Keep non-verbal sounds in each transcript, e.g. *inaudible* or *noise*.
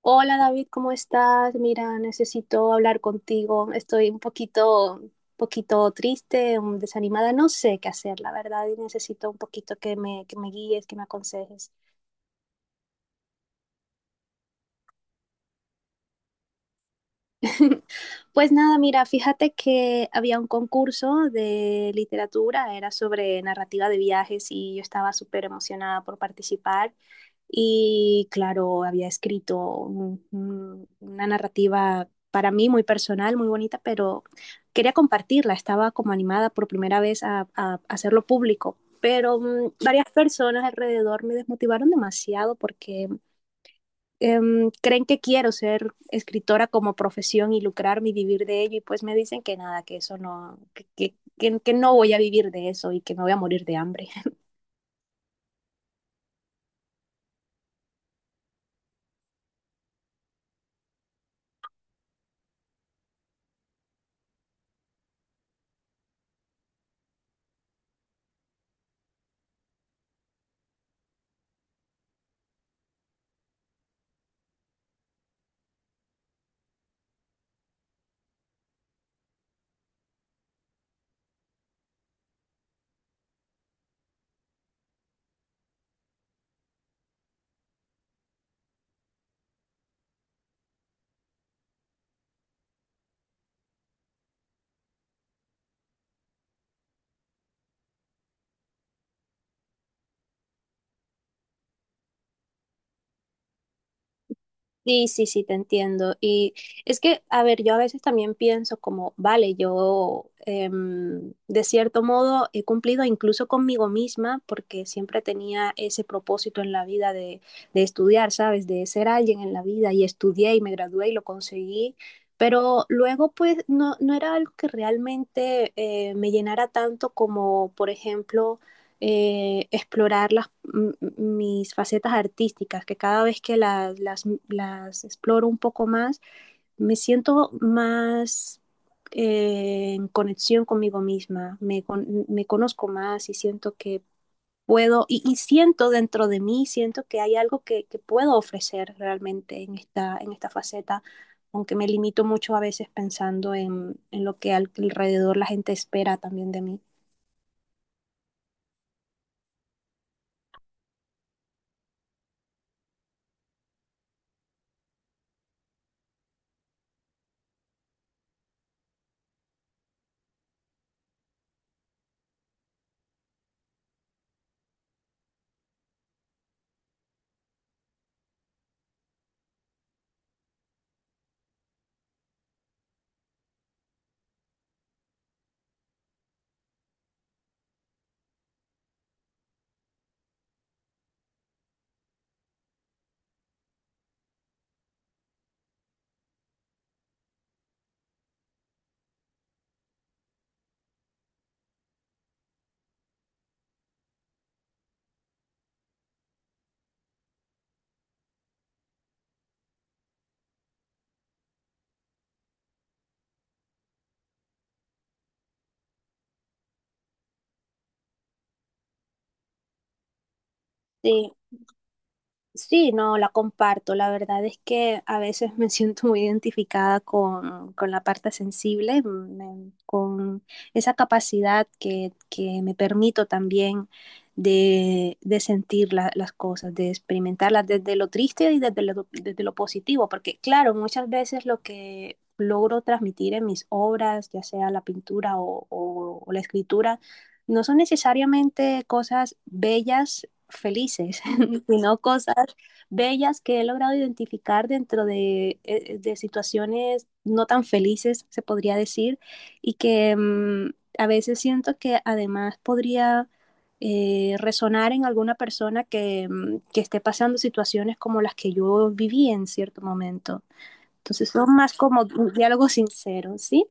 Hola David, ¿cómo estás? Mira, necesito hablar contigo. Estoy un poquito, poquito triste, desanimada. No sé qué hacer, la verdad, y necesito un poquito que me guíes, que me aconsejes. *laughs* Pues nada, mira, fíjate que había un concurso de literatura, era sobre narrativa de viajes y yo estaba súper emocionada por participar. Y claro, había escrito una narrativa para mí muy personal, muy bonita, pero quería compartirla. Estaba como animada por primera vez a hacerlo público, pero varias personas alrededor me desmotivaron demasiado porque creen que quiero ser escritora como profesión y lucrarme y vivir de ello, y pues me dicen que nada, que eso no, que que no voy a vivir de eso y que me voy a morir de hambre. Sí, sí, sí, te entiendo. Y es que, a ver, yo a veces también pienso como, vale, yo de cierto modo he cumplido incluso conmigo misma porque siempre tenía ese propósito en la vida de estudiar, ¿sabes? De ser alguien en la vida y estudié y me gradué y lo conseguí. Pero luego, pues, no era algo que realmente me llenara tanto como, por ejemplo, explorar las, mis facetas artísticas, que cada vez que las exploro un poco más, me siento más en conexión conmigo misma, me, conozco más y siento que puedo, y siento dentro de mí, siento que hay algo que puedo ofrecer realmente en esta faceta, aunque me limito mucho a veces pensando en lo que alrededor la gente espera también de mí. Sí, sí, no, la comparto. La verdad es que a veces me *laughs* siento muy identificada con la parte sensible, con esa capacidad que me permito también de sentir las cosas, de experimentarlas desde lo triste y desde lo positivo, porque claro, muchas veces lo que logro transmitir en mis obras, ya sea la pintura o la escritura, no son necesariamente cosas bellas felices, *laughs* sino cosas bellas que he logrado identificar dentro de situaciones no tan felices, se podría decir, y que a veces siento que además podría resonar en alguna persona que esté pasando situaciones como las que yo viví en cierto momento. Entonces son más como diálogos sinceros, ¿sí?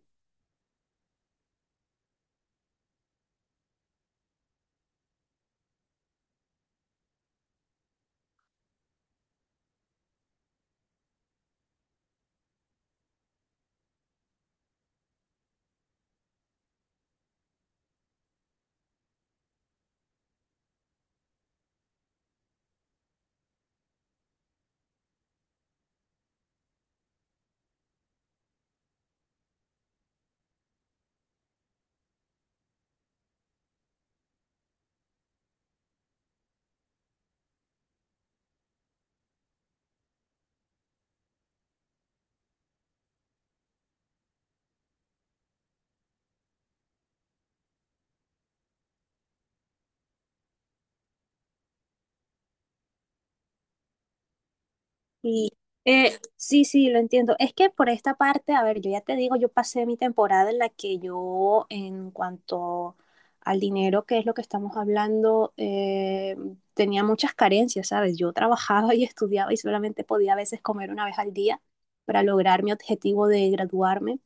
Sí, sí, sí, lo entiendo. Es que por esta parte, a ver, yo ya te digo, yo pasé mi temporada en la que yo, en cuanto al dinero, que es lo que estamos hablando, tenía muchas carencias, ¿sabes? Yo trabajaba *laughs* y estudiaba y solamente podía a veces comer una vez al día para lograr mi objetivo de graduarme.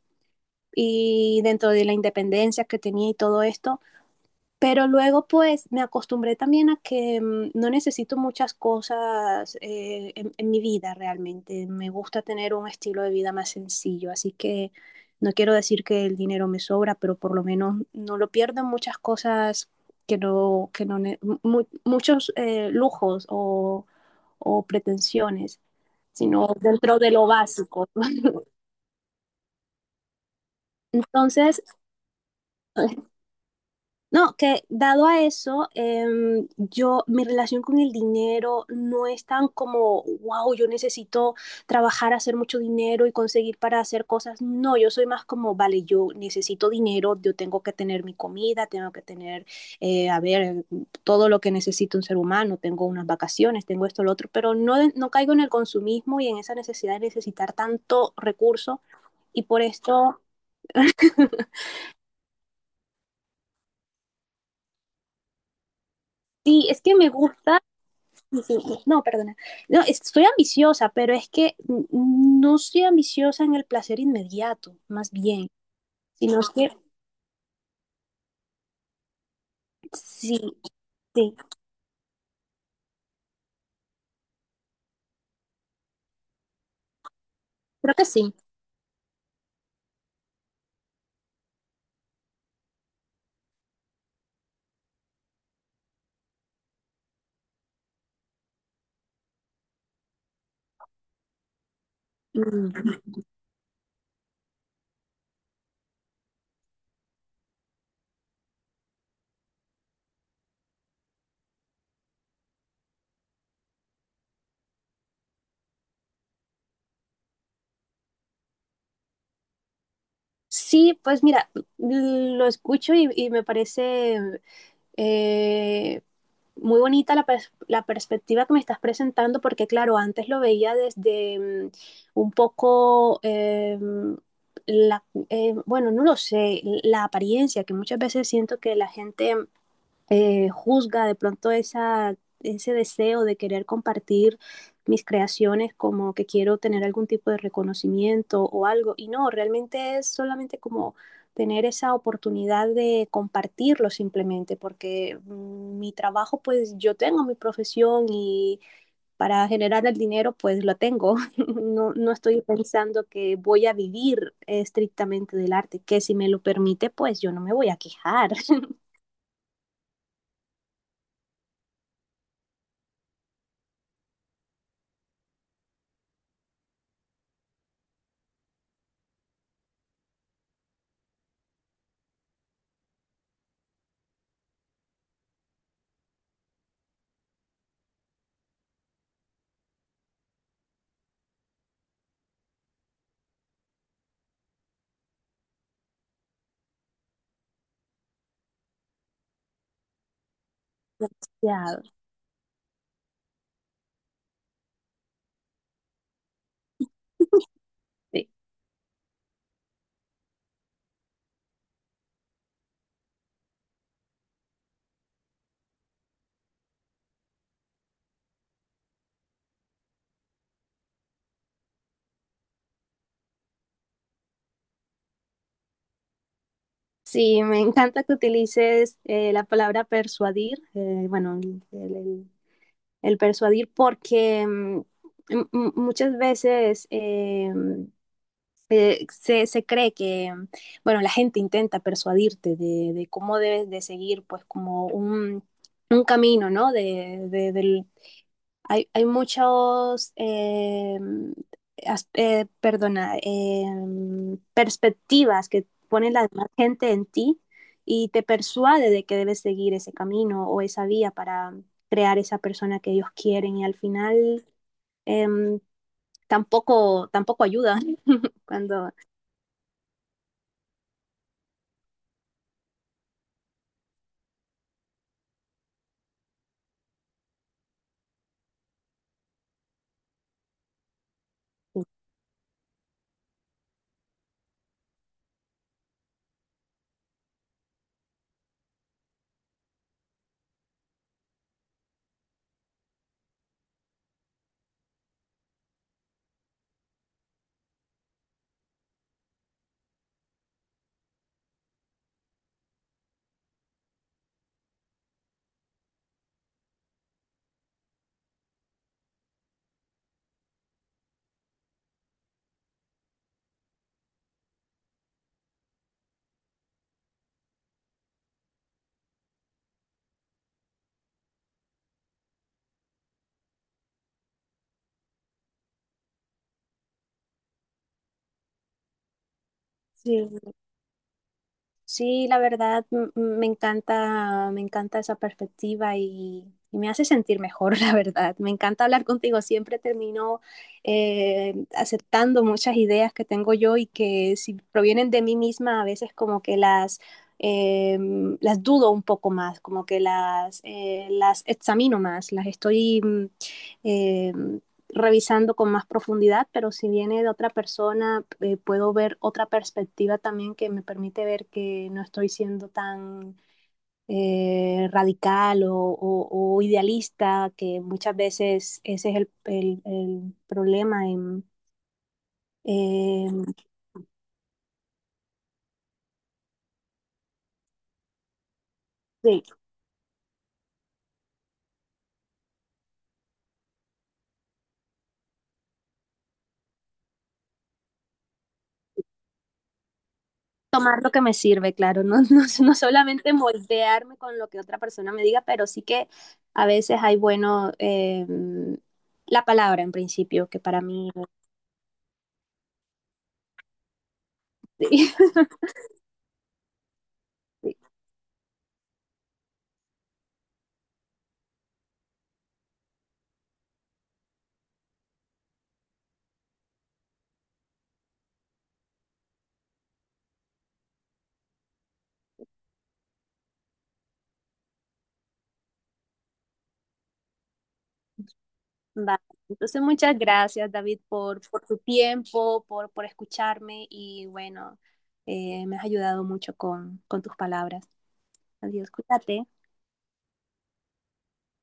Y dentro de la independencia que tenía y todo esto. Pero luego pues me acostumbré también a que no necesito muchas cosas en mi vida realmente. Me gusta tener un estilo de vida más sencillo, así que no quiero decir que el dinero me sobra, pero por lo menos no lo pierdo en muchas cosas que no, ne- mu- muchos lujos o pretensiones, sino dentro de lo básico. *laughs* Entonces, *laughs* no, que dado a eso, yo, mi relación con el dinero no es tan como, wow, yo necesito trabajar, hacer mucho dinero y conseguir para hacer cosas. No, yo soy más como, vale, yo necesito dinero, yo tengo que tener mi comida, tengo que tener, a ver, todo lo que necesita un ser humano, tengo unas vacaciones, tengo esto, lo otro, pero no caigo en el consumismo y en esa necesidad de necesitar tanto recurso y por esto... *laughs* Sí, es que me gusta. Sí, sí, sí. No, perdona. No, estoy ambiciosa, pero es que no soy ambiciosa en el placer inmediato, más bien, sino que sí, sí, creo que sí. Mm. Sí, pues mira, lo escucho y me parece eh, muy bonita la, la perspectiva que me estás presentando, porque claro, antes lo veía desde un poco, la, bueno, no lo sé, la apariencia, que muchas veces siento que la gente juzga de pronto esa, ese deseo de querer compartir mis creaciones como que quiero tener algún tipo de reconocimiento o algo. Y no, realmente es solamente como tener esa oportunidad de compartirlo simplemente, porque mi trabajo, pues yo tengo mi profesión y para generar el dinero, pues lo tengo. *laughs* No, no estoy pensando que voy a vivir estrictamente del arte, que si me lo permite, pues yo no me voy a quejar. *laughs* Demasiado, sí. Sí, me encanta que utilices la palabra persuadir, bueno, el, el persuadir, porque muchas veces se, se cree que, bueno, la gente intenta persuadirte de cómo debes de seguir, pues como un camino, ¿no? De, hay, hay muchos, perdona, perspectivas que pone la demás gente en ti y te persuade de que debes seguir ese camino o esa vía para crear esa persona que ellos quieren y al final em, tampoco, tampoco ayuda *laughs* cuando... Sí. Sí, la verdad me encanta esa perspectiva y me hace sentir mejor, *laughs* la verdad. Me encanta hablar contigo. Siempre termino aceptando muchas ideas que tengo yo y que si provienen de mí misma, a veces como que eh, las dudo un poco más, como que las examino más, las estoy eh, revisando con más profundidad, pero si viene de otra persona, puedo ver otra perspectiva también que me permite ver que no estoy siendo tan radical o, idealista, que muchas veces ese es el problema en... Eh, sí, tomar lo que me sirve, claro, no, *laughs* no, no, solamente moldearme con lo que otra persona me diga, pero sí que a veces hay bueno. La palabra en principio, que para mí... *laughs* Sí. Vale. Entonces, muchas gracias, David, por tu tiempo, por escucharme y bueno, me has ayudado mucho con tus palabras. Adiós, cuídate.